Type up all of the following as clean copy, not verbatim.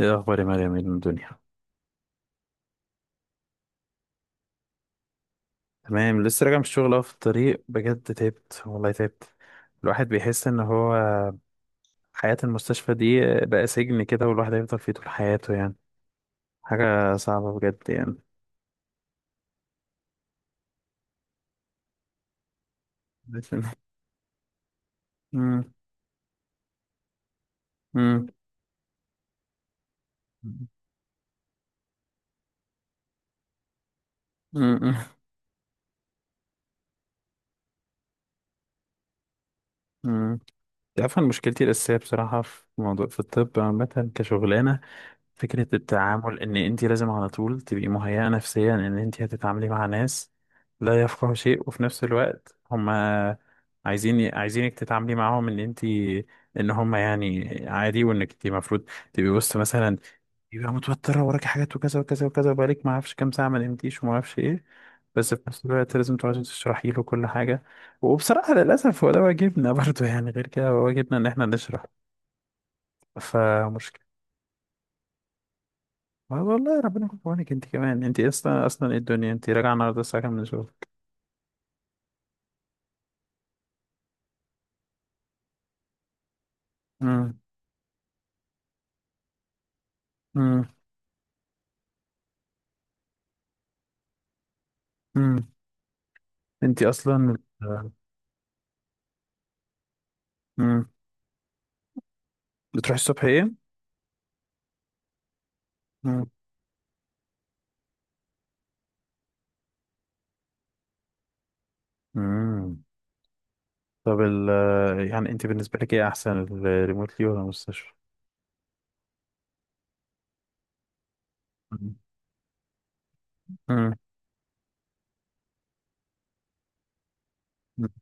ايه الاخبار يا مريم من الدنيا؟ تمام، لسه راجع من الشغل اهو في الطريق، بجد تعبت والله تعبت. الواحد بيحس ان هو حياة المستشفى دي بقى سجن كده، والواحد هيفضل فيه طول حياته يعني. حاجة صعبة بجد يعني. امم. امم. امم. امم. تعرف، أنا مشكلتي الأساسية بصراحة في موضوع في الطب عامة كشغلانة فكرة التعامل إن أنت لازم على طول تبقي مهيئة نفسيا إن أنت هتتعاملي مع ناس لا يفقهوا شيء، وفي نفس الوقت هما عايزينك تتعاملي معاهم إن أنت إن هما يعني عادي، وإنك أنت المفروض تبقي وسط مثلا، يبقى متوترة وراكي حاجات وكذا وكذا وكذا، وبقالك ما أعرفش كام ساعة ما نمتيش وما أعرفش إيه، بس في نفس الوقت لازم تقعدي تشرحي له كل حاجة. وبصراحة للأسف هو ده واجبنا برضه، يعني غير كده هو واجبنا إن إحنا نشرح. فمشكلة. ما والله ربنا يكون في عونك انت كمان، انت اصلا اصلا ايه الدنيا، انت راجعه النهارده الساعه كام من الشغل؟ امم. امم. امم. انت اصلا. امم. بتروحي الصبح ايه؟ امم. امم. طب يعني انت بالنسبه لك ايه احسن، الريموتلي ولا المستشفى؟ مم. مم.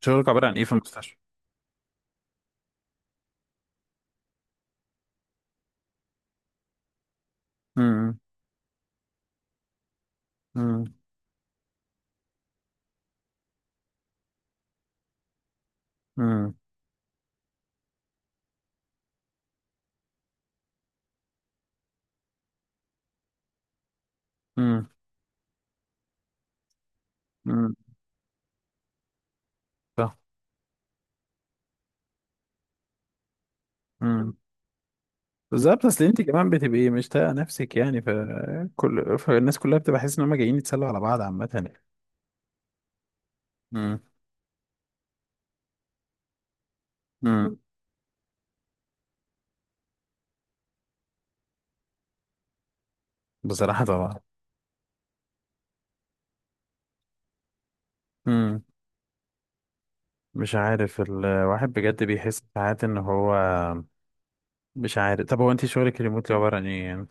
شغلك عباره عن ايه في المستشفى؟ امم. امم. امم. امم. امم. صح. امم. بالظبط، اصل انت كمان بتبقي مش طايقه نفسك يعني، فكل فالناس كلها بتبقى حاسس ان هم جايين يتسلوا على بعض عامه يعني. امم. بصراحة طبعا. امم. مش عارف، الواحد بجد بيحس ساعات ان هو مش عارف. طب هو انت شغلك ريموتلي عبارة عن ايه يعني؟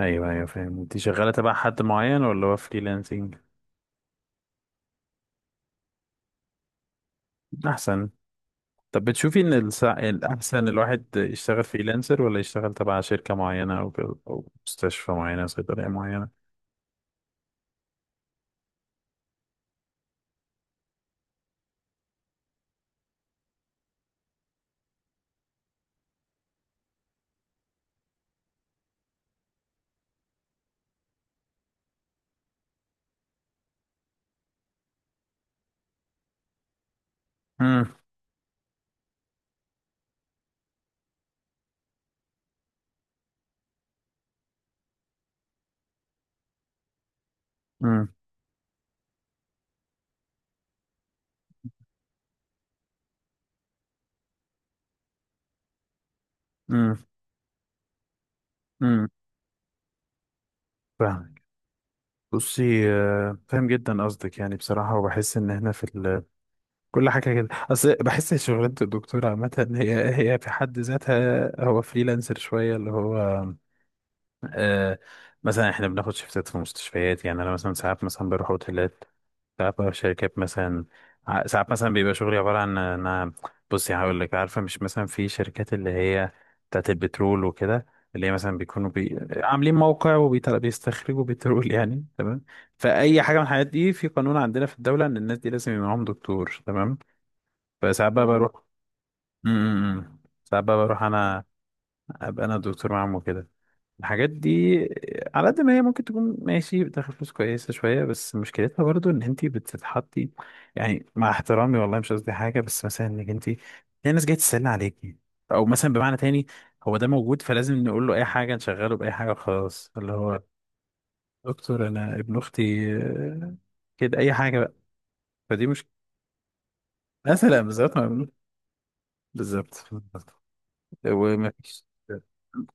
ايوه ايوه فاهم. انت شغالة تبع حد معين ولا هو فريلانسنج؟ احسن. طب بتشوفي ان الاحسن الواحد يشتغل فريلانسر ولا يشتغل تبع شركة معينة او كده، او مستشفى معينة، صيدلية معينة؟ امم. امم. امم. امم. فاهمك. بصي فاهم جدا قصدك يعني بصراحة، وبحس ان احنا في كل حاجة كده، أصل بحس شغلانة الدكتور عامة هي هي في حد ذاتها هو فريلانسر شوية، اللي هو آه، مثلا احنا بناخد شيفتات في مستشفيات يعني. أنا مثلا ساعات مثلا بروح أوتيلات، ساعات بروح شركات مثلا، ساعات مثلا بيبقى شغلي عبارة عن إن أنا بصي هقول لك، عارفة مش مثلا في شركات اللي هي بتاعت البترول وكده، اللي هي مثلا بيكونوا عاملين موقع وبيستخرجوا بترول يعني تمام. فأي حاجة من الحاجات دي في قانون عندنا في الدولة إن الناس دي لازم يبقى معاهم دكتور تمام. فساعات بقى بروح. امم. ساعات بقى بروح انا، ابقى انا الدكتور معاهم وكده. الحاجات دي على قد ما هي ممكن تكون ماشي بتاخد فلوس كويسة شوية، بس مشكلتها برضو ان انت بتتحطي يعني، مع احترامي والله مش قصدي حاجة، بس مثلا انك انت في ناس جاية تسألني عليكي، او مثلا بمعنى تاني، هو ده موجود فلازم نقول له اي حاجة نشغله بأي حاجة خلاص، اللي هو دكتور انا ابن اختي، كده اي حاجة بقى. فدي مش مثلا بالظبط بالظبط بالظبط. ومفيش.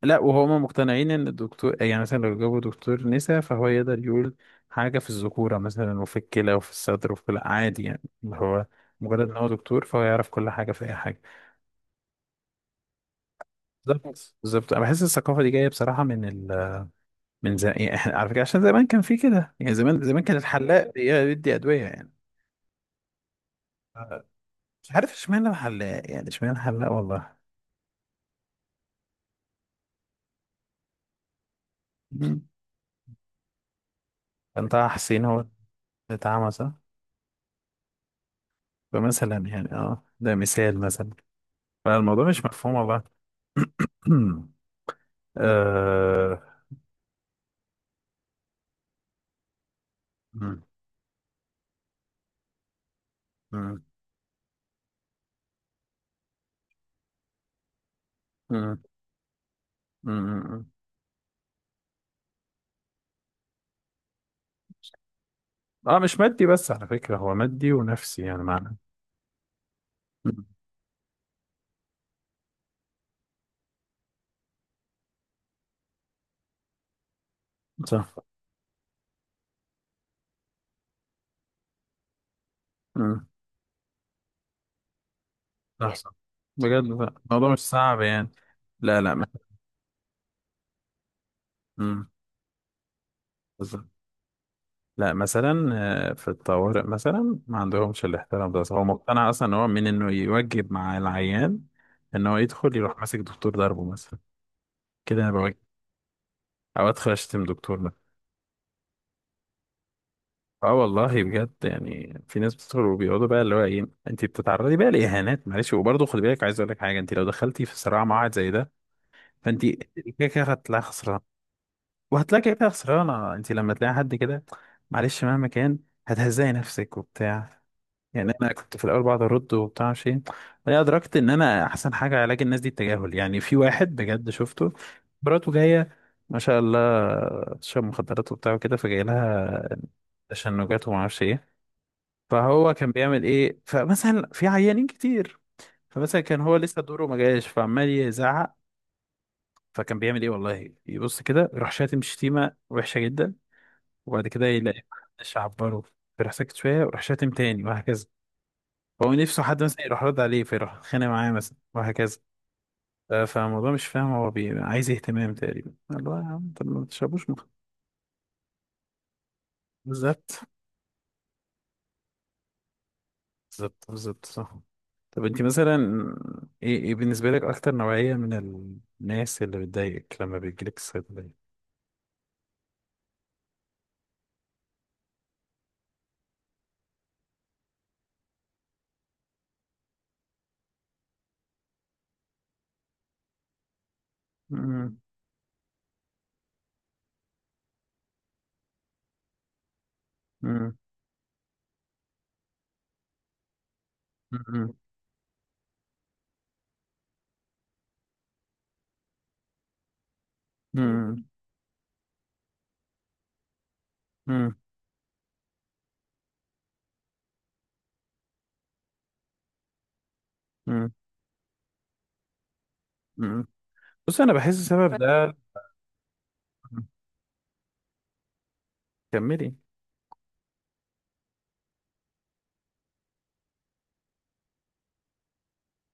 لا وهما مقتنعين ان الدكتور يعني مثلا لو جابوا دكتور نساء فهو يقدر يقول حاجة في الذكورة مثلا وفي الكلى وفي الصدر وفي كل عادي يعني، اللي هو مجرد ان هو دكتور فهو يعرف كل حاجة في اي حاجة. بالظبط بالظبط. انا بحس الثقافة دي جاية بصراحة من من زمان يعني، احنا على فكرة عشان زمان كان في كده يعني، زمان زمان كان الحلاق بيدي أدوية يعني. مش عارف اشمعنى الحلاق يعني، اشمعنى الحلاق والله. مم. كان طه حسين هو اللي اتعمى، صح. فمثلا يعني اه ده مثال مثلا، فالموضوع مش مفهوم والله. آه. مم. مم. مم. مم. مم. آه، مش مادي بس على فكرة، هو مادي ونفسي يعني معنى. مم. صح. مم. صح صح بجد، لا الموضوع مش صعب يعني. لا لا مم. بالظبط. لا مثلا آه، في الطوارئ مثلا ما عندهمش الاحترام ده، هو مقتنع اصلا ان هو من انه يوجب مع العيان، ان هو يدخل يروح ماسك دكتور ضربه مثلا، كده انا بوجب، او ادخل اشتم دكتور. اه والله بجد يعني، في ناس بتدخل وبيقعدوا بقى اللي هو ايه، انت بتتعرضي بقى لاهانات، معلش، وبرضه خدي بالك، عايز اقول لك حاجه، انت لو دخلتي في صراع مع واحد زي ده فانت كده كده هتلاقي خسران. وهتلاقي كده كده خسرانه انت لما تلاقي حد كده، معلش مهما كان هتهزقي نفسك وبتاع يعني. انا كنت في الاول بقعد ارد وبتاع شيء، بعدين ادركت ان انا احسن حاجه علاج الناس دي التجاهل. يعني في واحد بجد شفته، مراته جايه، ما شاء الله، شرب مخدرات وبتاع وكده، فجاي لها تشنجات وما اعرفش ايه. فهو كان بيعمل ايه؟ فمثلا في عيانين كتير، فمثلا كان هو لسه دوره ما جاش فعمال يزعق. فكان بيعمل ايه والله؟ يبص كده يروح شاتم شتيمه وحشه جدا، وبعد كده يلاقي محدش عبره، فيروح ساكت شويه ويروح شاتم تاني، وهكذا. فهو نفسه حد مثلا يروح رد عليه فيروح اتخانق معاه مثلا، وهكذا. ف- فالموضوع مش فاهم، هو عايز اهتمام تقريبا، الله يا عم طب ما تشربوش مخ. بالظبط. بالظبط بالظبط صح. طب انت مثلا ايه ايه بالنسبة لك اكتر نوعية من الناس اللي بتضايقك لما بيجيلك الصيدلية؟ مم. مم. مم. مم. مم. مم. مم. بص انا بحس السبب ده. كملي.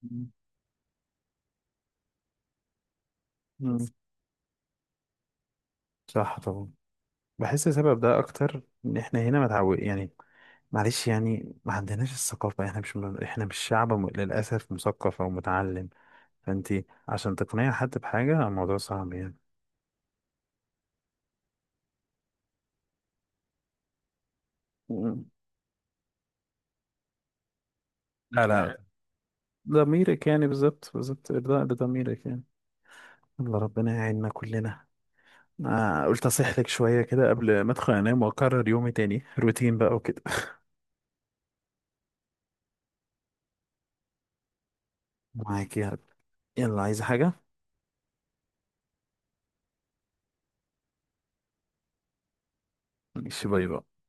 مم. مم. صح طبعا. بحس السبب ده اكتر، ان احنا هنا متعود يعني، معلش يعني ما عندناش الثقافة، احنا مش احنا مش شعب للأسف مثقف او متعلم، فانت عشان تقنعي حد بحاجة الموضوع صعب يعني. مم. لا لا ضميرك يعني، بالظبط بالظبط، إرضاء لضميرك يعني. الله ربنا يعيننا كلنا. أنا قلت أصيح لك شوية كده قبل ما أدخل أنام، وأكرر يومي تاني روتين بقى وكده. معاك يا رب. يلا عايزة حاجة؟ ماشي، باي باي.